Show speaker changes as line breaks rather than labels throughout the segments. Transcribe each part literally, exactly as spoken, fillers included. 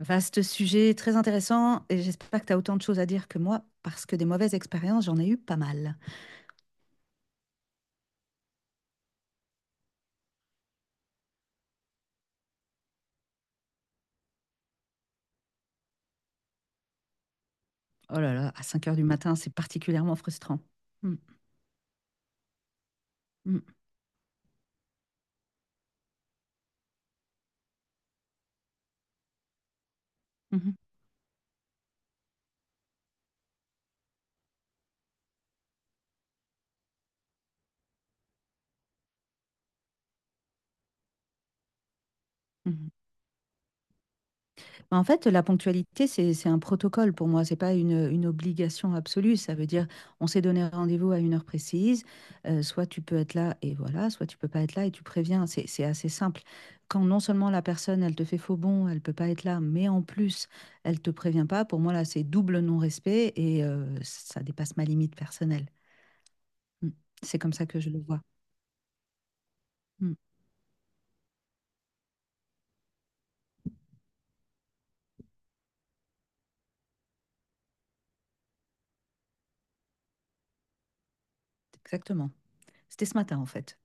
Vaste sujet, très intéressant, et j'espère que tu as autant de choses à dire que moi, parce que des mauvaises expériences, j'en ai eu pas mal. Oh là là, à cinq heures du matin, c'est particulièrement frustrant. Mm, mm, mhm, mhm. Bah, en fait, la ponctualité, c'est c'est un protocole pour moi, c'est pas une, une obligation absolue. Ça veut dire, on s'est donné rendez-vous à une heure précise, heu, soit tu peux être là et voilà, soit tu peux pas être là et tu préviens. C'est c'est assez simple. Quand non seulement la personne, elle te fait faux bond, elle peut pas être là, mais en plus, elle te prévient pas, pour moi là, c'est double non-respect et heu, ça dépasse ma limite personnelle. Mmh. C'est comme ça que je le vois. Mmh. Exactement. C'était ce matin en fait.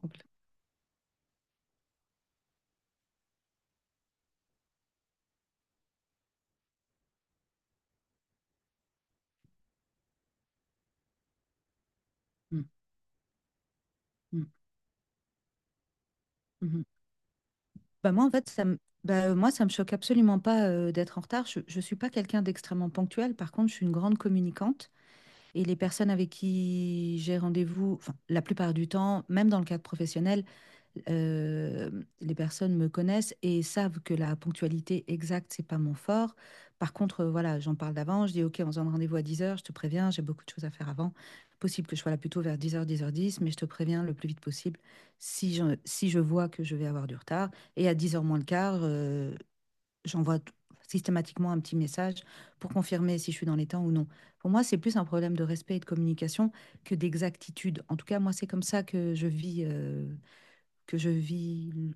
Compl mmh. Mmh. Mmh. Bah moi, en fait, ça me, bah, euh, moi, ça me choque absolument pas euh, d'être en retard. Je ne suis pas quelqu'un d'extrêmement ponctuel. Par contre, je suis une grande communicante et les personnes avec qui j'ai rendez-vous, enfin, la plupart du temps, même dans le cadre professionnel, euh, les personnes me connaissent et savent que la ponctualité exacte, c'est pas mon fort. Par contre, euh, voilà, j'en parle d'avant. Je dis, OK, on se donne rendez-vous à dix heures, je te préviens, j'ai beaucoup de choses à faire avant. Possible que je sois là plutôt vers dix heures dix heures dix, mais je te préviens le plus vite possible si je, si je vois que je vais avoir du retard. Et à dix heures moins le quart, euh, j'envoie t- systématiquement un petit message pour confirmer si je suis dans les temps ou non. Pour moi, c'est plus un problème de respect et de communication que d'exactitude. En tout cas, moi, c'est comme ça que je vis. euh, que je vis l-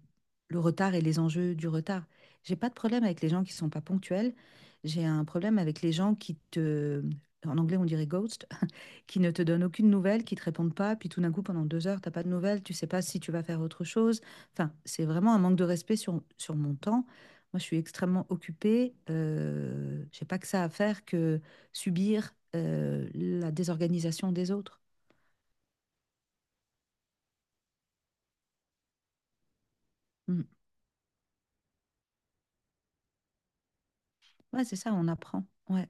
le retard et les enjeux du retard. J'ai pas de problème avec les gens qui sont pas ponctuels. J'ai un problème avec les gens qui te, en anglais on dirait ghost, qui ne te donnent aucune nouvelle, qui te répondent pas, puis tout d'un coup pendant deux heures t'as pas de nouvelles, tu sais pas si tu vas faire autre chose. Enfin, c'est vraiment un manque de respect sur, sur mon temps. Moi, je suis extrêmement occupée. Euh, j'ai pas que ça à faire que subir euh, la désorganisation des autres. Mm. Ouais, c'est ça, on apprend. Ouais.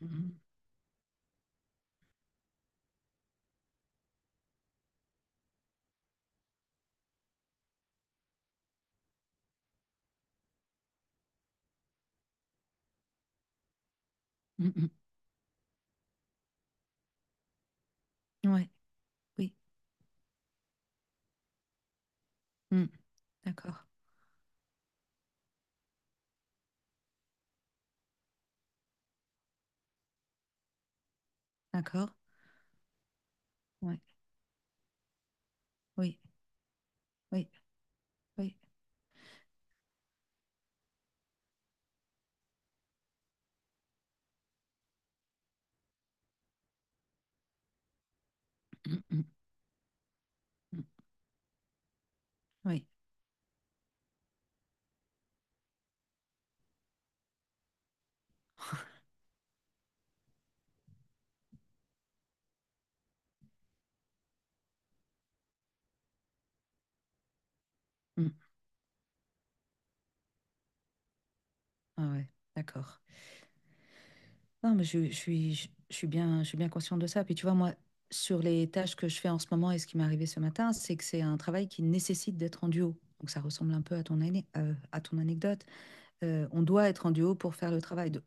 Mhm. Mhm. Ouais, oui. Mm. D'accord, d'accord. Ouais. Oui, oui, oui. Mm, mm, mm. Oui. Mm. Ah ouais, d'accord. Non, mais je, je suis, je, je suis bien, je suis bien consciente de ça. Puis tu vois, moi, sur les tâches que je fais en ce moment et ce qui m'est arrivé ce matin, c'est que c'est un travail qui nécessite d'être en duo. Donc ça ressemble un peu à ton, ané- euh, à ton anecdote. Euh, on doit être en duo pour faire le travail. Do-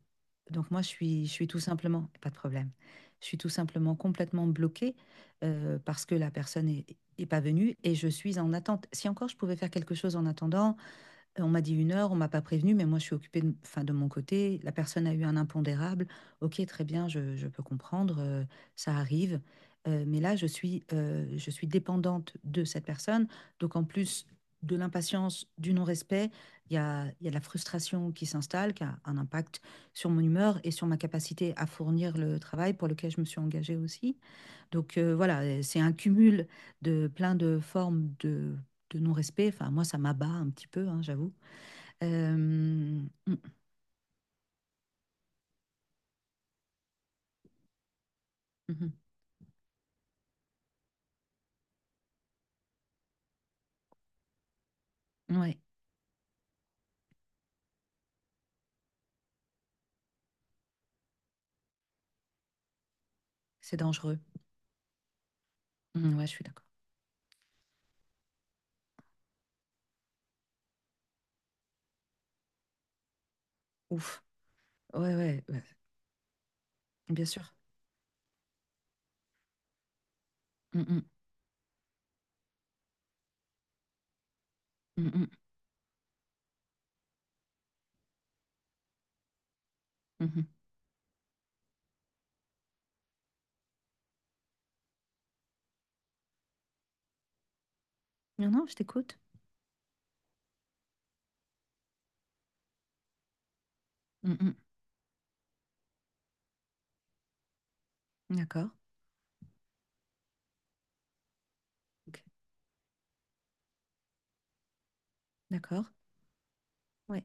Donc moi, je suis, je suis tout simplement, pas de problème, je suis tout simplement complètement bloquée euh, parce que la personne est, est pas venue et je suis en attente. Si encore je pouvais faire quelque chose en attendant, on m'a dit une heure, on m'a pas prévenu, mais moi je suis occupée de, enfin, de mon côté. La personne a eu un impondérable. Ok, très bien, je, je peux comprendre, euh, ça arrive. Euh, mais là, je suis, euh, je suis dépendante de cette personne. Donc en plus de l'impatience, du non-respect, il y a, il y a de la frustration qui s'installe, qui a un impact sur mon humeur et sur ma capacité à fournir le travail pour lequel je me suis engagée aussi. Donc euh, voilà, euh, c'est un cumul de plein de formes de, de non-respect. Enfin, moi, ça m'abat un petit peu, hein, j'avoue. Euh, mm, mm, mm. Ouais, c'est dangereux. Mm, ouais, je suis d'accord. Ouf. Ouais, ouais, ouais, bien sûr. Mm, mm, mm, mm, mhm. Non, non, je t'écoute. Mm, mm. D'accord. Ok. D'accord. Ouais,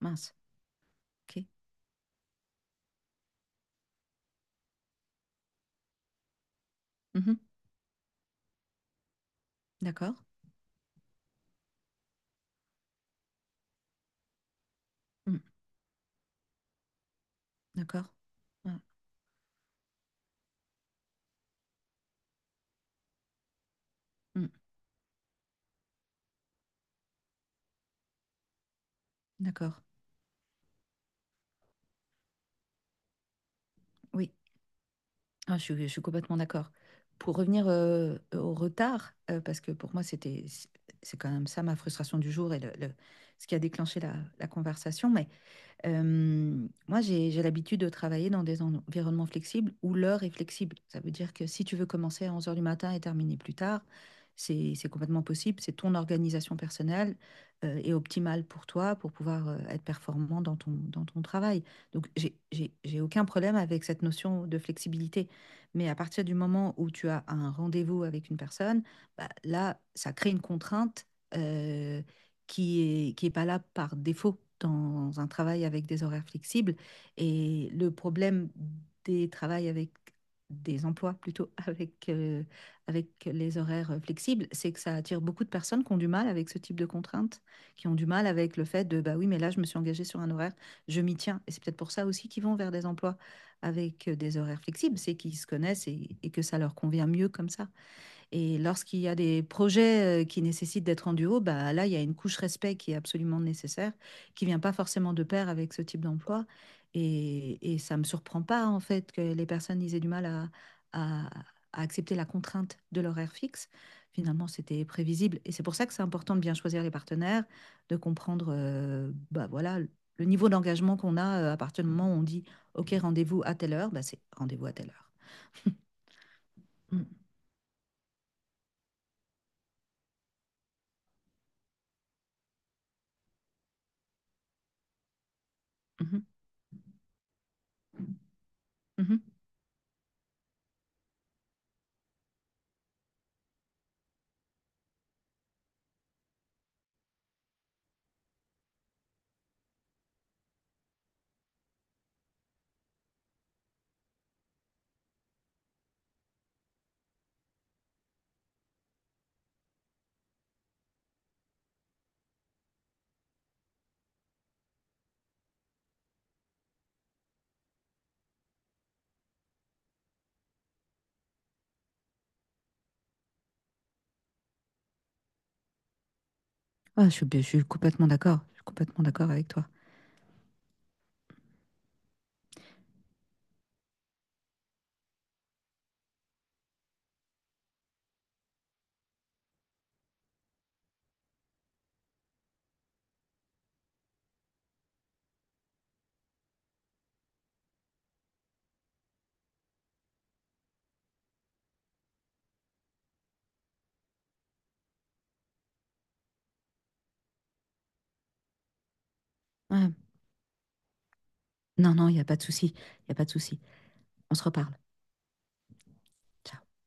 mince. Ok. Mhm. D'accord. Mm, d'accord. Ouais. Mm, d'accord. Oui, ah, je, suis je suis complètement d'accord. Pour revenir euh, au retard, euh, parce que pour moi, c'était, c'est quand même ça ma frustration du jour et le, le- ce qui a déclenché la, la conversation. Mais Euh, moi, j'ai, j'ai l'habitude de travailler dans des en- environnements flexibles où l'heure est flexible. Ça veut dire que si tu veux commencer à onze heures du matin et terminer plus tard, c'est, c'est complètement possible. C'est ton organisation personnelle euh, et optimale pour toi pour pouvoir euh, être performant dans ton, dans ton travail. Donc, j'ai, j'ai, j'ai aucun problème avec cette notion de flexibilité. Mais à partir du moment où tu as un rendez-vous avec une personne, bah, là, ça crée une contrainte euh, qui est, qui est pas là par défaut dans un travail avec des horaires flexibles. Et le problème des travails avec des emplois plutôt avec, euh, avec les horaires flexibles, c'est que ça attire beaucoup de personnes qui ont du mal avec ce type de contraintes, qui ont du mal avec le fait de, bah oui, mais là, je me suis engagée sur un horaire, je m'y tiens. Et c'est peut-être pour ça aussi qu'ils vont vers des emplois avec euh, des horaires flexibles, c'est qu'ils se connaissent et, et que ça leur convient mieux comme ça. Et lorsqu'il y a des projets, heu, qui nécessitent d'être en duo, bah, là, il y a une couche respect qui est absolument nécessaire, qui vient pas forcément de pair avec ce type d'emploi et et ça me surprend pas, en fait, que les personnes, ils aient du mal à à à accepter la contrainte de l'horaire fixe. Finalement, c'était prévisible et c'est pour ça que c'est important de bien choisir les partenaires, de comprendre, heu, bah, voilà, le niveau d'engagement qu'on a, heu, à partir du moment où on dit: «OK, rendez-vous à telle heure», bah, c'est rendez-vous à telle heure. Mmh. Mmh mh. Mmh. Ah, je suis, je suis complètement d'accord. Je suis complètement d'accord avec toi. Ouais. Non, non, il n'y a pas de souci. Il n'y a pas de souci. On se reparle. Ciao.